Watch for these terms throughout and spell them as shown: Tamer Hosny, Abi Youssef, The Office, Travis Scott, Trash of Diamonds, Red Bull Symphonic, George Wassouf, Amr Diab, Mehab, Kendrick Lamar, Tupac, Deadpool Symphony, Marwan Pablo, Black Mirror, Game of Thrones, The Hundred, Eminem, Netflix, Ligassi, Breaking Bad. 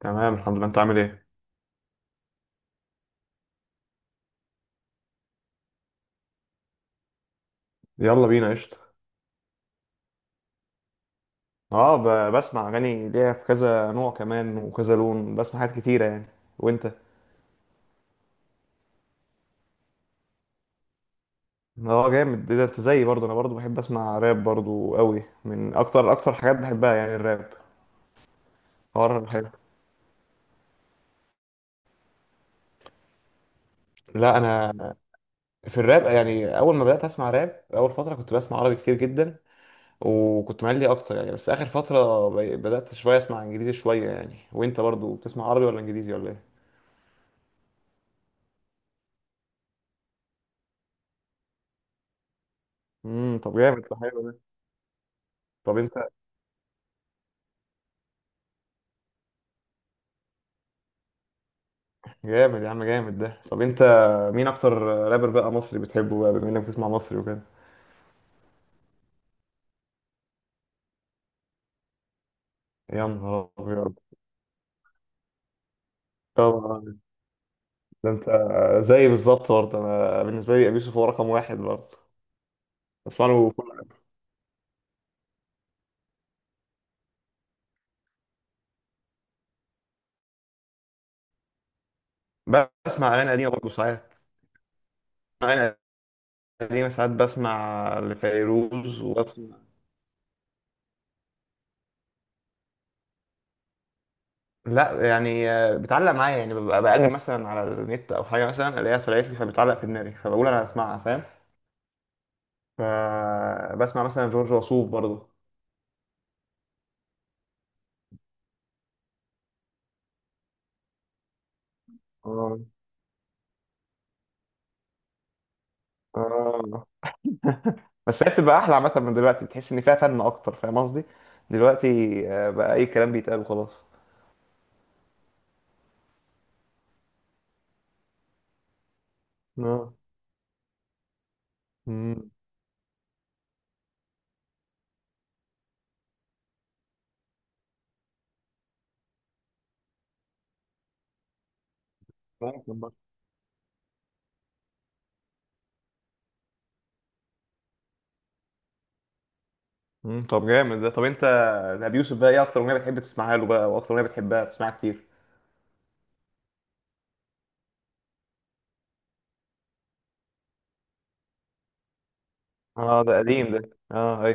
تمام، الحمد لله. انت عامل ايه؟ يلا بينا قشطة. اه، بسمع اغاني ليها في كذا نوع كمان وكذا لون، بسمع حاجات كتيرة يعني. وانت؟ اه، جامد، ايه ده. انت زيي برضه، انا برضه بحب اسمع راب برضه قوي، من اكتر اكتر حاجات بحبها يعني الراب. حوار حلو. لا، انا. في الراب يعني، اول ما بدات اسمع راب، اول فتره كنت بسمع عربي كتير جدا. وكنت مالي اكتر يعني، بس اخر فتره بدات شويه اسمع انجليزي شويه يعني. وانت برضه بتسمع عربي ولا انجليزي ولا ايه؟ طب، جامد ده، حلو ده. طب انت جامد يا عم، جامد ده. طب انت مين اكتر رابر بقى مصري بتحبه بقى، بما انك بتسمع مصري وكده؟ يا نهار ابيض. طبعا. ده انت زي بالظبط برضه. انا بالنسبه لي ابي يوسف هو رقم واحد برضه. بسمع له كل. بسمع اغاني قديمه برضه ساعات، اغاني قديمه، ساعات بسمع لفيروز وبسمع. لا، يعني بتعلق معايا يعني. ببقى بقلب مثلا على النت او حاجه، مثلا الاقيها طلعت لي فبتعلق في دماغي، فبقول انا هسمعها، فاهم. فبسمع مثلا جورج وسوف برضه. اه، اه، بس هي بتبقى احلى عامه من دلوقتي، بتحس ان فيها فن اكتر، فاهم قصدي. دلوقتي بقى اي كلام بيتقال وخلاص. اه. مم. ممكن برضه. طب، جامد ده. طب انت، ابي يوسف بقى، ايه اكتر اغنيه بتحب تسمعها له بقى، واكتر اغنيه بتحبها بتسمعها كتير؟ اه، ده قديم ده، اه، اي.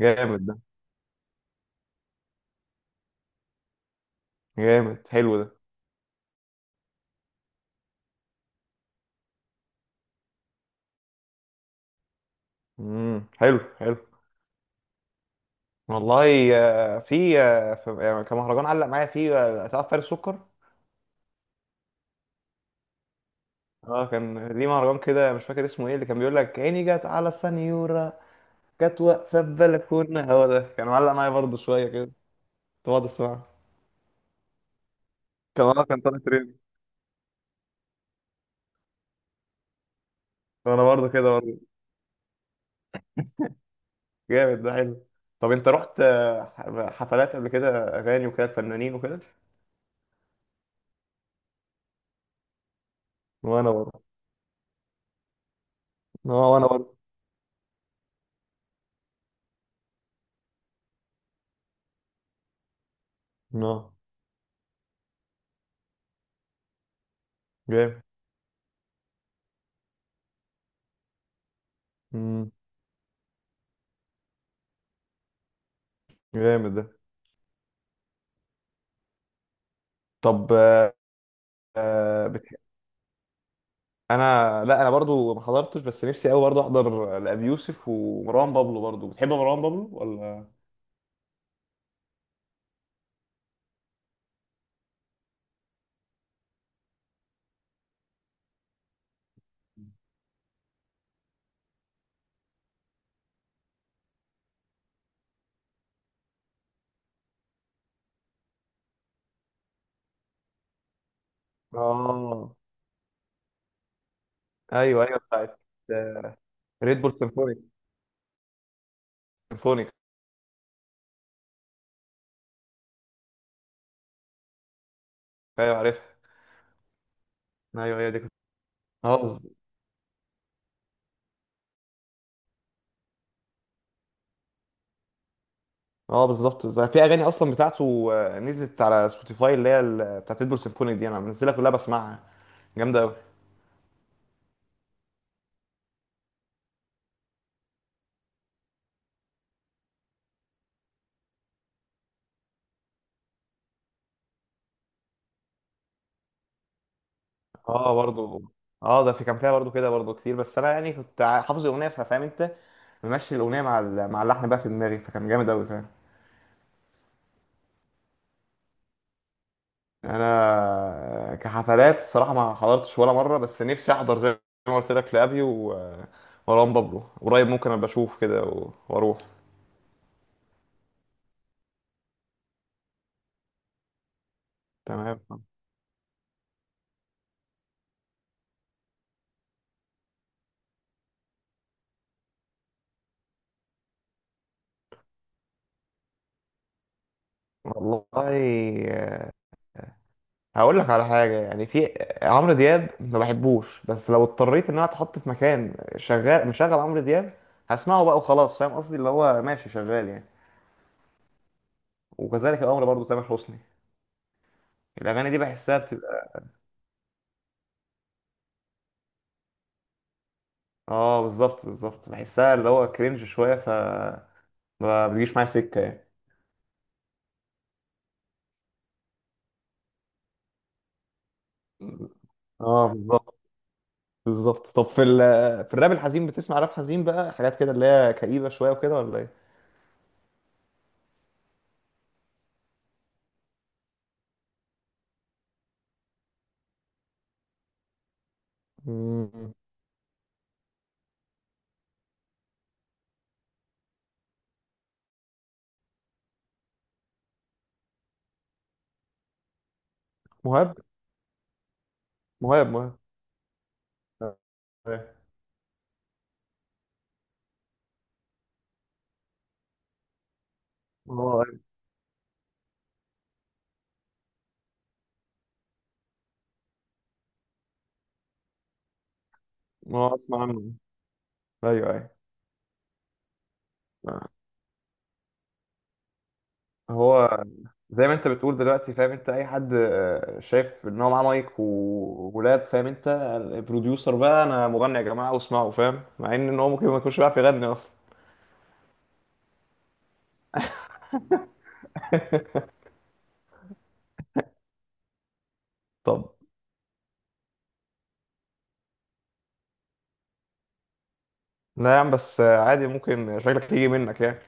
جامد ده. جامد حلو ده. حلو، حلو. والله. كان مهرجان علق معايا فيه. تعرف فارس سكر؟ اه، كان ليه مهرجان كده، مش فاكر اسمه ايه، اللي كان بيقول لك: عيني جت على السنيوره. كانت واقفة في بلكونة، هو ده كان معلق معايا برضه شوية كده، كنت بقعد اسمعه. كان طالع ترند. وانا برضه كده برضه. جامد ده، حلو. طب انت رحت حفلات قبل كده؟ اغاني وكده، فنانين وكده. وانا برضه اه وانا برضه. اه، جامد. امم جامد ده. طب، آه، بتح... لا، انا برضه ما حضرتش، بس نفسي قوي برضه احضر لابي يوسف. ومروان بابلو برضه، بتحب مروان بابلو ولا؟ اه، ايوه، ايوه، بتاعت ريد بول سيمفونيك. سيمفونيك. ايوه، عارف. ايوه، هي دي كنت اه اه، بالظبط، بالظبط. في اغاني اصلا بتاعته نزلت على سبوتيفاي، اللي هي بتاعت ديدبول سيمفوني دي، انا منزلها كلها بسمعها. جامده قوي. اه، برضو. اه، ده، في كان فيها برضو كده برضو كتير، بس انا يعني كنت حافظ الاغنيه، فاهم انت. ممشي الاغنيه مع اللحن بقى في دماغي، فكان جامد قوي، فاهم. انا كحفلات الصراحه ما حضرتش ولا مره، بس نفسي احضر زي ما قلت لك لابي ومروان بابلو. قريب ممكن ابقى اشوف كده واروح. تمام. والله هقول لك على حاجه يعني. في عمرو دياب، ما بحبوش، بس لو اضطريت ان انا اتحط في مكان شغال مشغل عمرو دياب، هسمعه بقى وخلاص، فاهم قصدي، اللي هو ماشي شغال يعني. وكذلك الامر برضو تامر حسني. الاغاني دي بحسها بتبقى. اه، بالظبط، بالظبط، بحسها اللي هو كرنج شويه، ما بيجيش معايا سكه يعني. اه، بالظبط، بالظبط. طب، في الراب الحزين، بتسمع راب حزين بقى، حاجات كده اللي هي كئيبه شويه وكده، ولا ايه؟ مم. مهاب، مهاب، مهاب، اه. ما اسمع عنه. ايوه، ايوه. آه. هو زي ما انت بتقول دلوقتي، فاهم انت. اي حد شايف ان هو معاه مايك ولاب، فاهم انت. البروديوسر بقى، انا مغني يا جماعه واسمعوا، فاهم، مع ان هو ممكن ما يكونش بيعرف يغني اصلا. طب، لا يا عم، بس عادي، ممكن شكلك يجي منك يعني.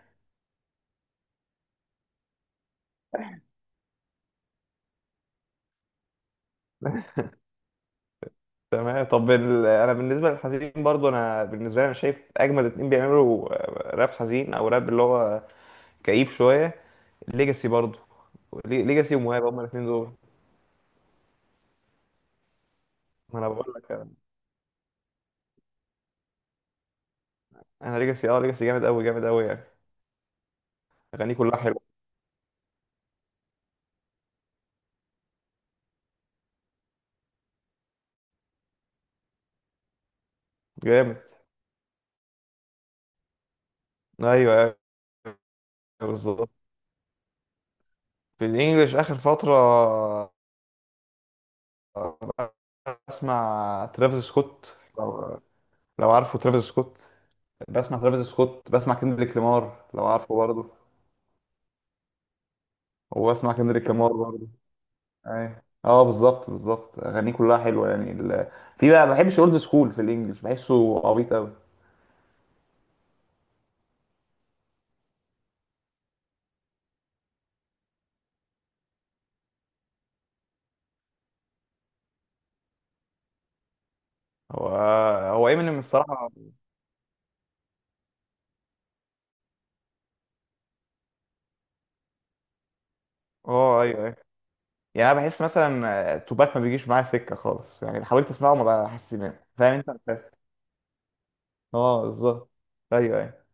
تمام. طب، انا بالنسبه للحزين برضو، انا بالنسبه لي انا شايف اجمد اتنين بيعملوا راب حزين او راب اللي هو كئيب شويه. ليجاسي برضو. ليجاسي ومهاب هما الاثنين دول. ما انا بقول لك. انا ليجاسي جامد قوي، جامد قوي يعني. اغانيه كلها حلوه. جامد. ايوه، أيوة، بالظبط. في الانجليش اخر فتره، بسمع ترافيس سكوت، لو عارفه ترافيس سكوت. بسمع ترافيس سكوت، بسمع كندريك لامار لو عارفه برضه. وبسمع كندريك لامار برضه. ايوه، اه، بالظبط، بالظبط. اغانيه كلها حلوه يعني. في بقى ما بحبش اولد سكول في الانجليش، بحسه عبيط قوي. هو هو ايمينيم الصراحه. اه، ايوه، ايوه. يعني انا بحس مثلا توباك ما بيجيش معايا سكه خالص يعني، حاولت اسمعه ما بحس، فاهم انت. اه، بالظبط، ايوه، ايوه.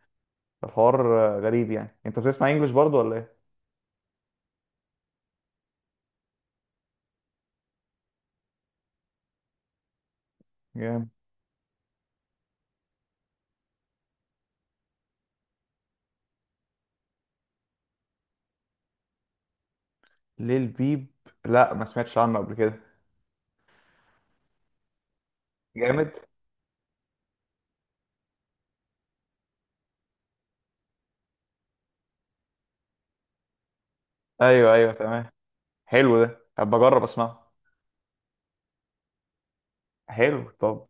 الحوار غريب يعني. انت بتسمع انجلش برضو ولا ايه؟ جامد. ليه البيب. لا، ما سمعتش عنه قبل كده. جامد. ايوه، ايوه، تمام. حلو ده، هبقى اجرب اسمعه. حلو، طب.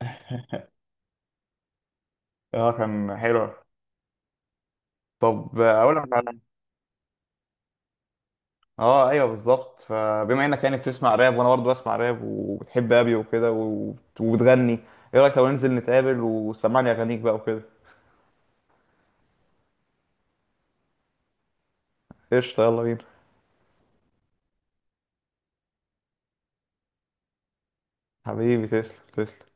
اه، كان حلو. طب، اقول لك على. اه، ايوه، بالظبط. فبما انك يعني بتسمع راب، وانا برضو بسمع راب، وبتحب ابي وكده، وبتغني. ايه رايك لو ننزل نتقابل، وسمعني اغانيك بقى وكده؟ قشطه، يلا بينا. حبيبي، تسلم، تسلم.